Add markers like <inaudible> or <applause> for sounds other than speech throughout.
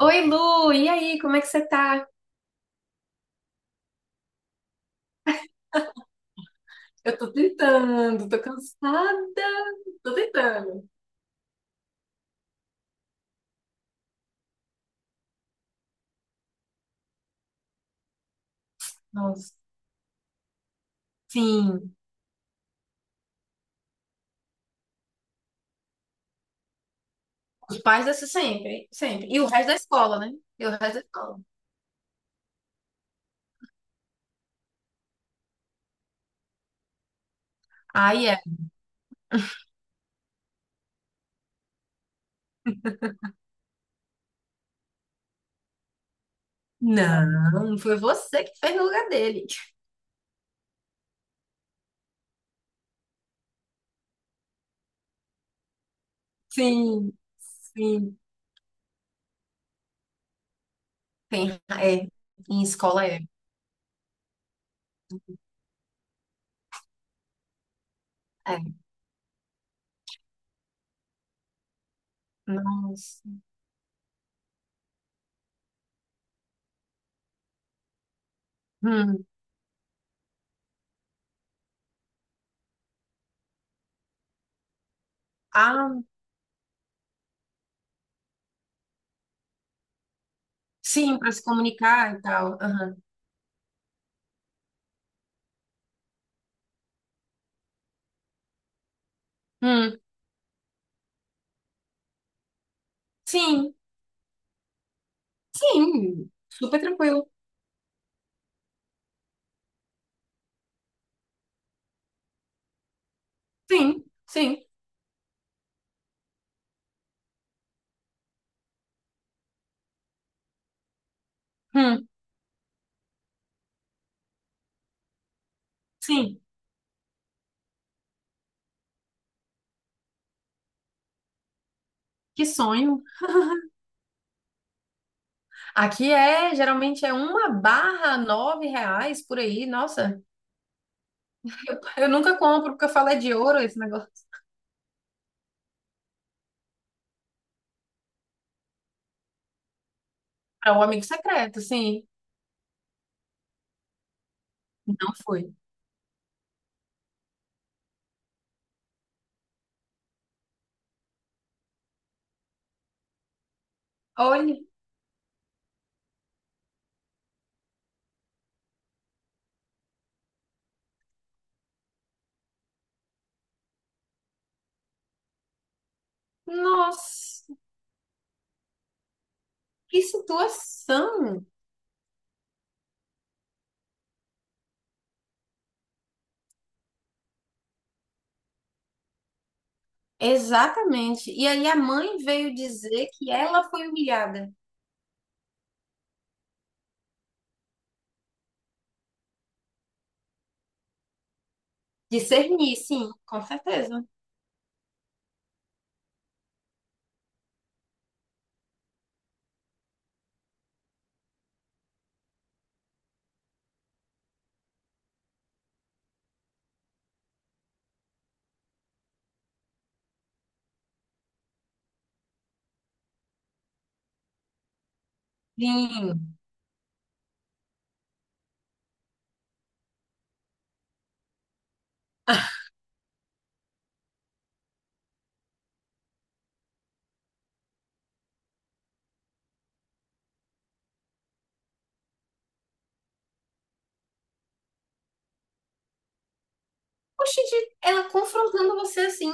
Oi, Lu, e aí, como é que você tá? Eu Tô tentando, tô cansada, tô tentando. Nossa. Sim, os pais dessa sempre, sempre. E o resto da escola, né? E o resto da escola. Aí é. Não, foi você que fez no lugar dele. Sim, sim. Tem, é, em escola é. É. Nossa. Hum. Ah, sim, pra se comunicar e tal. Aham. Hum. Sim, sim. Super tranquilo. Sim, sim. Hum. Sim, que sonho. Aqui é, geralmente é uma barra nove reais por aí. Nossa, eu nunca compro porque eu falo é de ouro esse negócio. Para o amigo secreto, sim. Não foi. Olha, nossa, que situação. Exatamente. E aí a mãe veio dizer que ela foi humilhada. Discernir, sim, com certeza. Sim. <laughs> Oxente, ela confrontando você assim.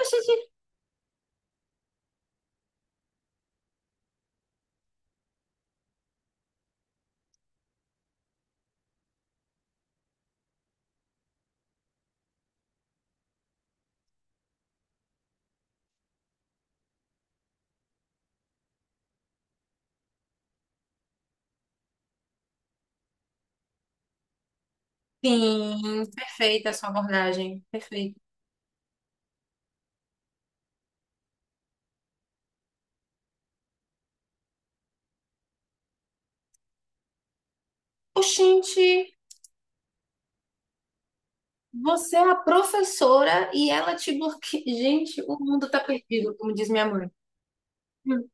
Oxente, sim, perfeita a sua abordagem. Perfeito. Oxente, você é a professora e ela te bloqueia. <laughs> Gente, o mundo tá perdido, como diz minha mãe. Hum.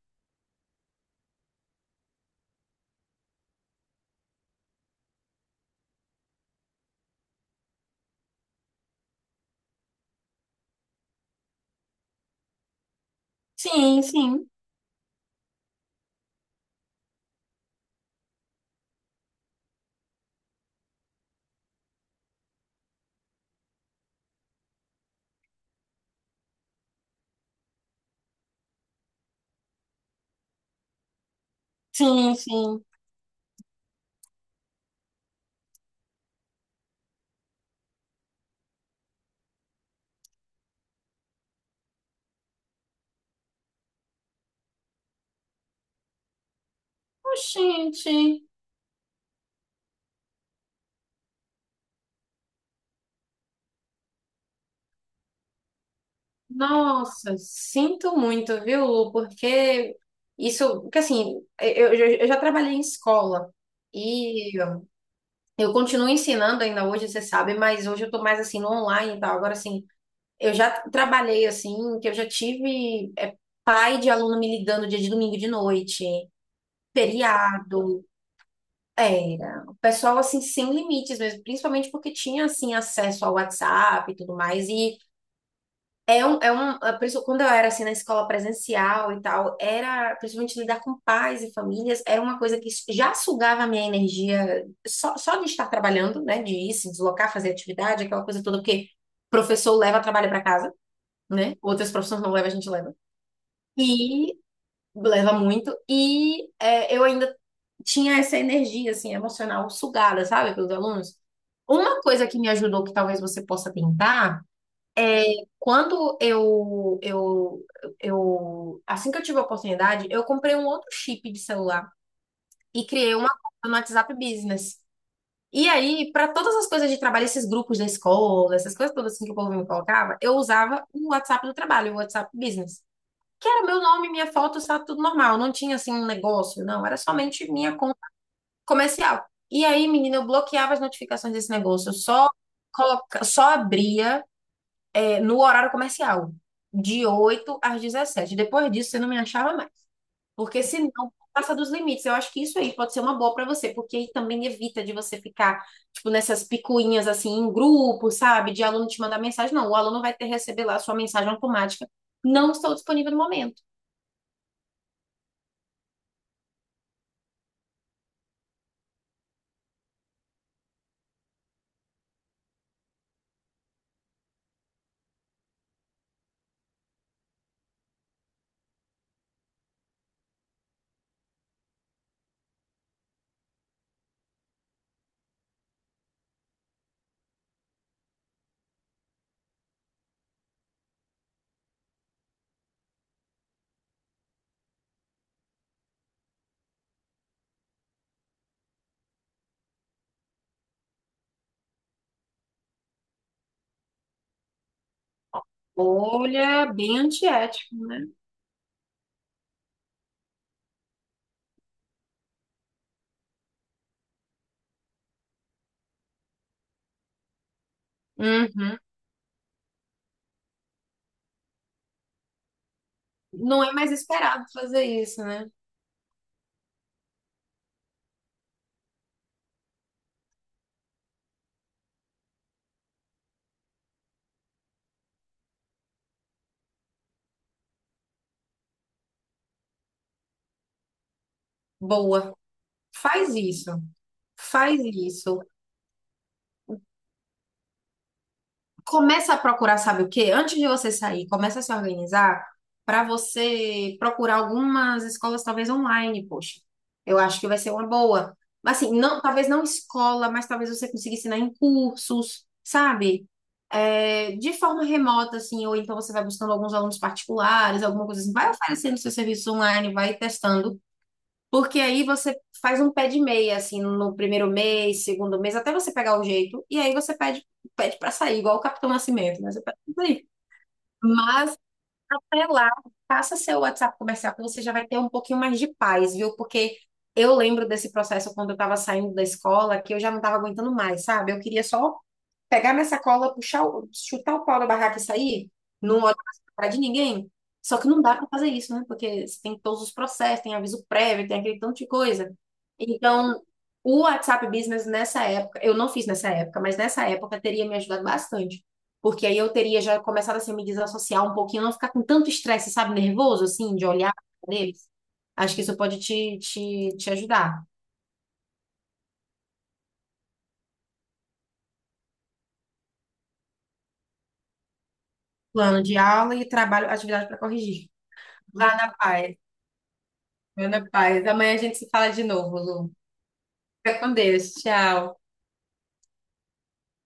Sim, sim, sim, sim. Oxente, nossa, sinto muito, viu? Porque isso, porque assim, eu já trabalhei em escola e eu continuo ensinando ainda hoje, você sabe, mas hoje eu tô mais assim no online e tal. Agora, assim, eu já trabalhei assim, que eu já tive pai de aluno me ligando dia de domingo de noite. Feriado, era. O pessoal, assim, sem limites mesmo, principalmente porque tinha, assim, acesso ao WhatsApp e tudo mais. E é por isso, quando eu era, assim, na escola presencial e tal, era, principalmente lidar com pais e famílias, era uma coisa que já sugava a minha energia só, só de estar trabalhando, né, de ir se deslocar, fazer atividade, aquela coisa toda, porque professor leva trabalho para casa, né? Outras profissões não levam, a gente leva. E leva muito. E é, eu ainda tinha essa energia, assim, emocional sugada, sabe, pelos alunos. Uma coisa que me ajudou, que talvez você possa tentar, é quando assim que eu tive a oportunidade, eu comprei um outro chip de celular e criei uma conta no WhatsApp Business. E aí, para todas as coisas de trabalho, esses grupos da escola, essas coisas todas assim que o povo me colocava, eu usava o WhatsApp do trabalho, o WhatsApp Business que era meu nome, minha foto, estava tudo normal. Não tinha assim um negócio, não. Era somente minha conta comercial. E aí, menina, eu bloqueava as notificações desse negócio. Eu só, coloca... só abria no horário comercial, de 8 às 17. Depois disso, você não me achava mais. Porque senão passa dos limites. Eu acho que isso aí pode ser uma boa para você, porque aí também evita de você ficar, tipo, nessas picuinhas assim, em grupo, sabe? De aluno te mandar mensagem. Não, o aluno vai ter que receber lá a sua mensagem automática. Não estou disponível no momento. Olha, bem antiético, né? Uhum. Não é mais esperado fazer isso, né? Boa. Faz isso. Faz isso. Começa a procurar, sabe o quê? Antes de você sair, começa a se organizar para você procurar algumas escolas, talvez online, poxa. Eu acho que vai ser uma boa. Mas, assim, não, talvez não escola, mas talvez você consiga ensinar em cursos, sabe? É, de forma remota, assim, ou então você vai buscando alguns alunos particulares, alguma coisa assim. Vai oferecendo seu serviço online, vai testando porque aí você faz um pé de meia, assim, no primeiro mês, segundo mês, até você pegar o jeito, e aí você pede, pede para sair, igual o Capitão Nascimento, né? Você pede pra sair. Mas até lá, faça seu WhatsApp comercial, que você já vai ter um pouquinho mais de paz, viu? Porque eu lembro desse processo quando eu estava saindo da escola, que eu já não estava aguentando mais, sabe? Eu queria só pegar minha sacola, puxar, chutar o pau da barraca e sair, não olhar para de ninguém. Só que não dá para fazer isso, né? Porque você tem todos os processos, tem aviso prévio, tem aquele tanto de coisa. Então, o WhatsApp Business nessa época, eu não fiz nessa época, mas nessa época teria me ajudado bastante. Porque aí eu teria já começado assim, a me desassociar um pouquinho, não ficar com tanto estresse, sabe, nervoso, assim, de olhar pra deles. Acho que isso pode te ajudar. Plano de aula e trabalho, atividade para corrigir. Lá na paz. Meu na paz. Amanhã a gente se fala de novo, Lu. Fica com Deus. Tchau.